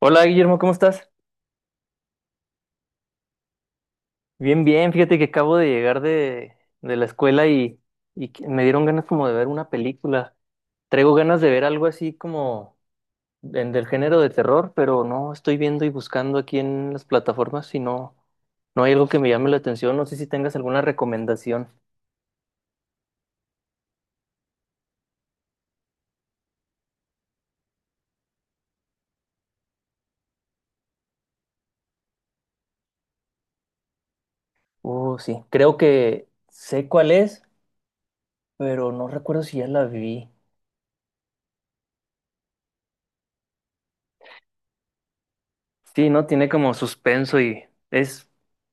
Hola Guillermo, ¿cómo estás? Bien, bien, fíjate que acabo de llegar de la escuela y que me dieron ganas como de ver una película. Traigo ganas de ver algo así como del género de terror, pero no estoy viendo y buscando aquí en las plataformas y no, no hay algo que me llame la atención. No sé si tengas alguna recomendación. Oh, sí, creo que sé cuál es, pero no recuerdo si ya la vi. Sí, ¿no? Tiene como suspenso y es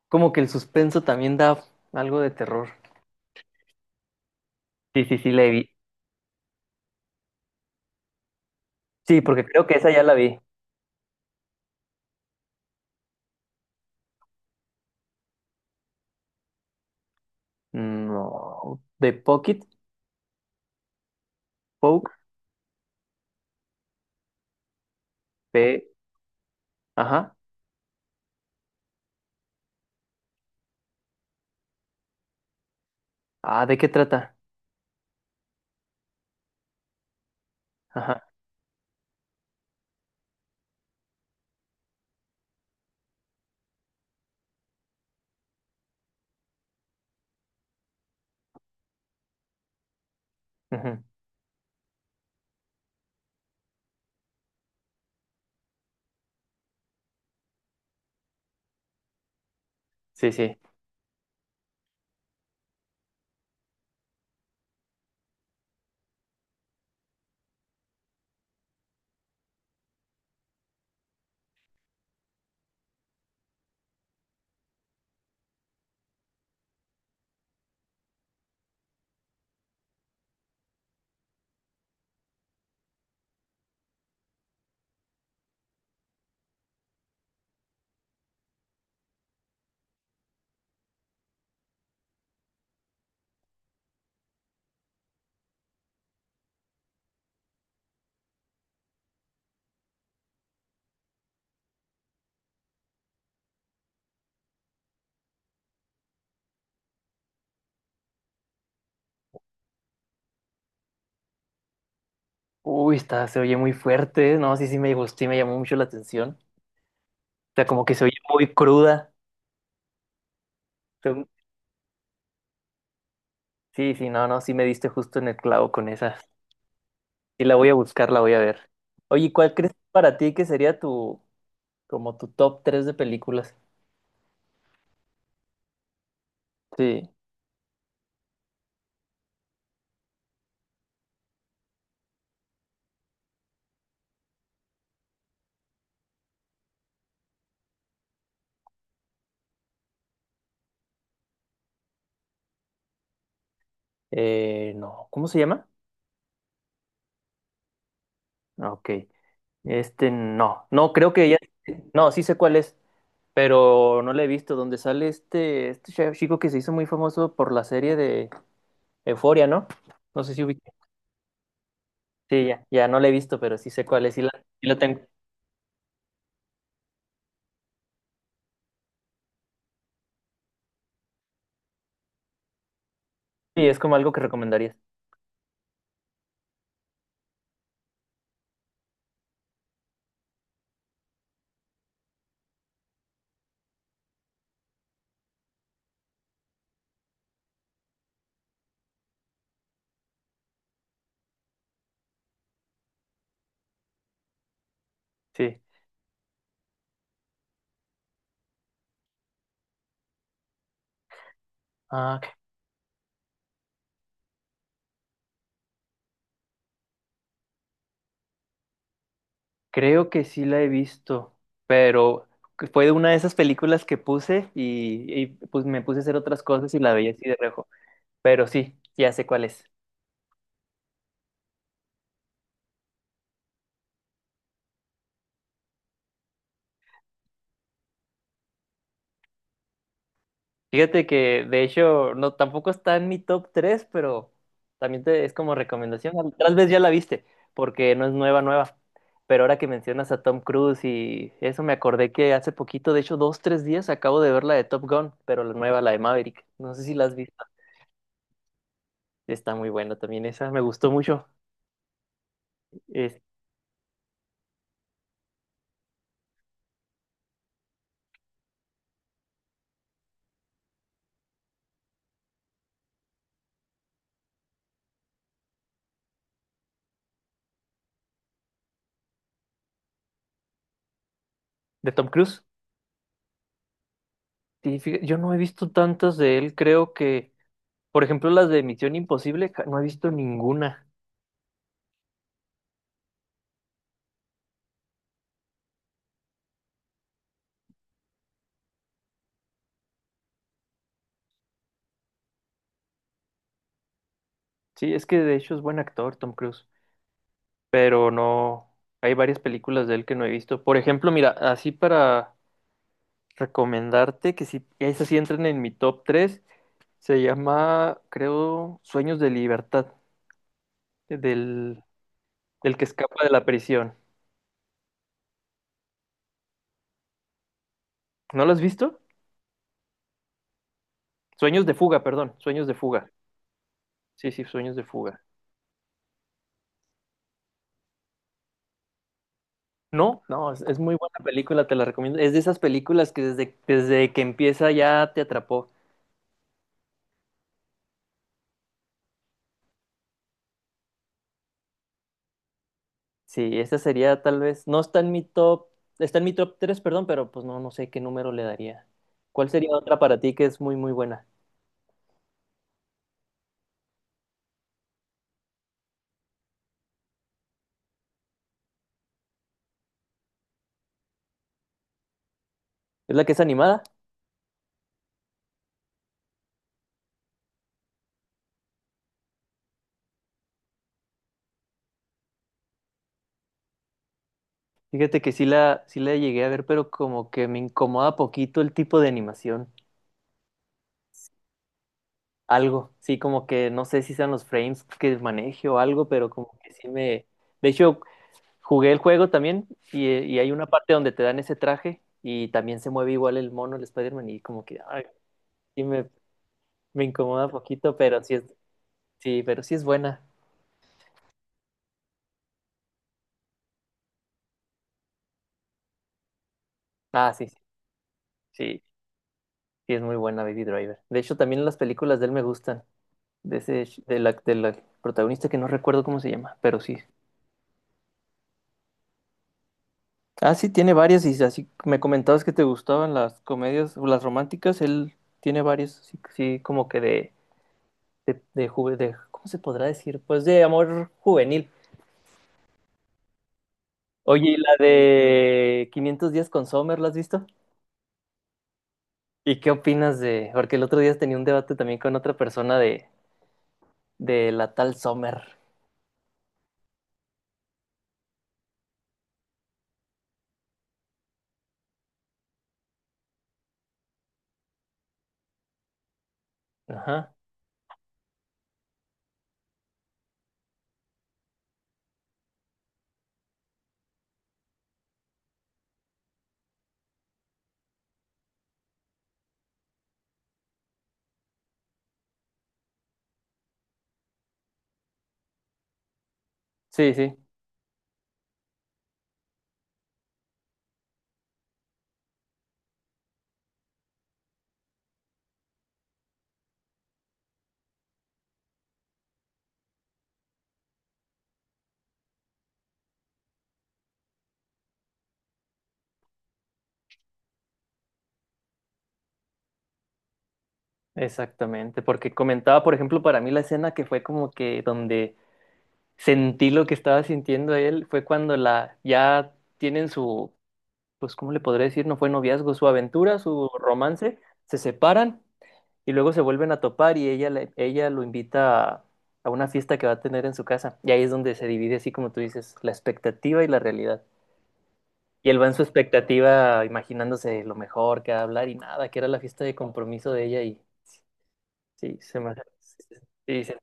como que el suspenso también da algo de terror. Sí, sí, sí, la vi. Sí, porque creo que esa ya la vi. No. ¿De Pocket? Poke, P. Ajá. Ah, ¿de qué trata? Ajá. Ujú. Sí, sí. Uy, está, se oye muy fuerte. No, sí, sí, me gustó y me llamó mucho la atención. O sea, como que se oye muy cruda. Son- Sí, sí, no, no, sí me diste justo en el clavo con esa. Sí, la voy a buscar, la voy a ver. Oye, ¿cuál crees para ti que sería tu, como tu top 3 de películas? Sí. No. ¿Cómo se llama? Ok. Este no, no, creo que ya, no, sí sé cuál es, pero no la he visto, donde sale este chef chico que se hizo muy famoso por la serie de Euforia, ¿no? No sé si ubica. Sí, ya, ya no la he visto, pero sí sé cuál es, sí la tengo. Sí, es como algo que recomendarías. Sí. Ah, creo que sí la he visto, pero que fue de una de esas películas que puse y, pues me puse a hacer otras cosas y la veía así de reojo, pero sí, ya sé cuál es. Fíjate que de hecho no tampoco está en mi top 3, pero también es como recomendación. Tal vez ya la viste, porque no es nueva, nueva. Pero ahora que mencionas a Tom Cruise y eso me acordé que hace poquito, de hecho 2, 3 días, acabo de ver la de Top Gun, pero la nueva, la de Maverick. No sé si la has visto. Está muy buena también esa, me gustó mucho. Es de Tom Cruise. Sí, yo no he visto tantas de él, creo que, por ejemplo, las de Misión Imposible, no he visto ninguna. Sí, es que de hecho es buen actor, Tom Cruise. Pero no, hay varias películas de él que no he visto. Por ejemplo, mira, así para recomendarte que si esas sí entran en mi top 3 se llama, creo, Sueños de Libertad, del, del que escapa de la prisión. ¿No lo has visto? Sueños de fuga, perdón, Sueños de fuga. Sí, sí, Sueños de fuga. No, no, es muy buena película, te la recomiendo. Es de esas películas que desde que empieza ya te atrapó. Sí, esta sería tal vez, no está en mi top, está en mi top 3, perdón, pero pues no, no sé qué número le daría. ¿Cuál sería otra para ti que es muy, muy buena? ¿Es la que es animada? Fíjate que sí la llegué a ver, pero como que me incomoda poquito el tipo de animación. Algo, sí, como que no sé si sean los frames que maneje o algo, pero como que sí me. De hecho, jugué el juego también y hay una parte donde te dan ese traje y también se mueve igual el mono, el Spider-Man, y como que, ay, sí me incomoda poquito, pero sí es. Sí, pero sí es buena. Ah, sí, sí, sí, sí es muy buena Baby Driver. De hecho, también las películas de él me gustan. De ese, ch- de la protagonista que no recuerdo cómo se llama, pero sí. Ah, sí, tiene varias y así me comentabas que te gustaban las comedias, o las románticas, él tiene varias, sí, sí, como que de ¿cómo se podrá decir? Pues de amor juvenil. Oye, ¿y la de 500 días con Sommer, la has visto? ¿Y qué opinas de? Porque el otro día tenía un debate también con otra persona de la tal Sommer. Ajá, sí, sí, exactamente, porque comentaba, por ejemplo, para mí la escena que fue como que donde sentí lo que estaba sintiendo él fue cuando la ya tienen su, pues, ¿cómo le podré decir? No fue noviazgo, su aventura, su romance, se separan y luego se vuelven a topar y ella lo invita a, una fiesta que va a tener en su casa y ahí es donde se divide, así como tú dices, la expectativa y la realidad. Y él va en su expectativa imaginándose lo mejor que va a hablar y nada, que era la fiesta de compromiso de ella. Y sí, sí,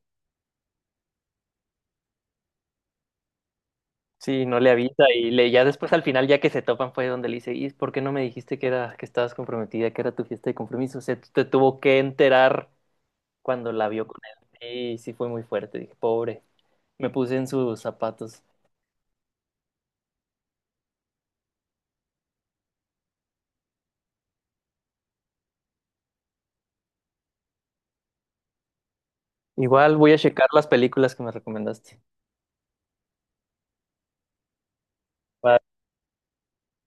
sí, no le avisa y ya después al final, ya que se topan, fue donde le dice, ¿y por qué no me dijiste que era, que estabas comprometida, que era tu fiesta de compromiso? Se te tuvo que enterar cuando la vio con él. Y sí fue muy fuerte, dije, pobre, me puse en sus zapatos. Igual voy a checar las películas que me recomendaste. Va.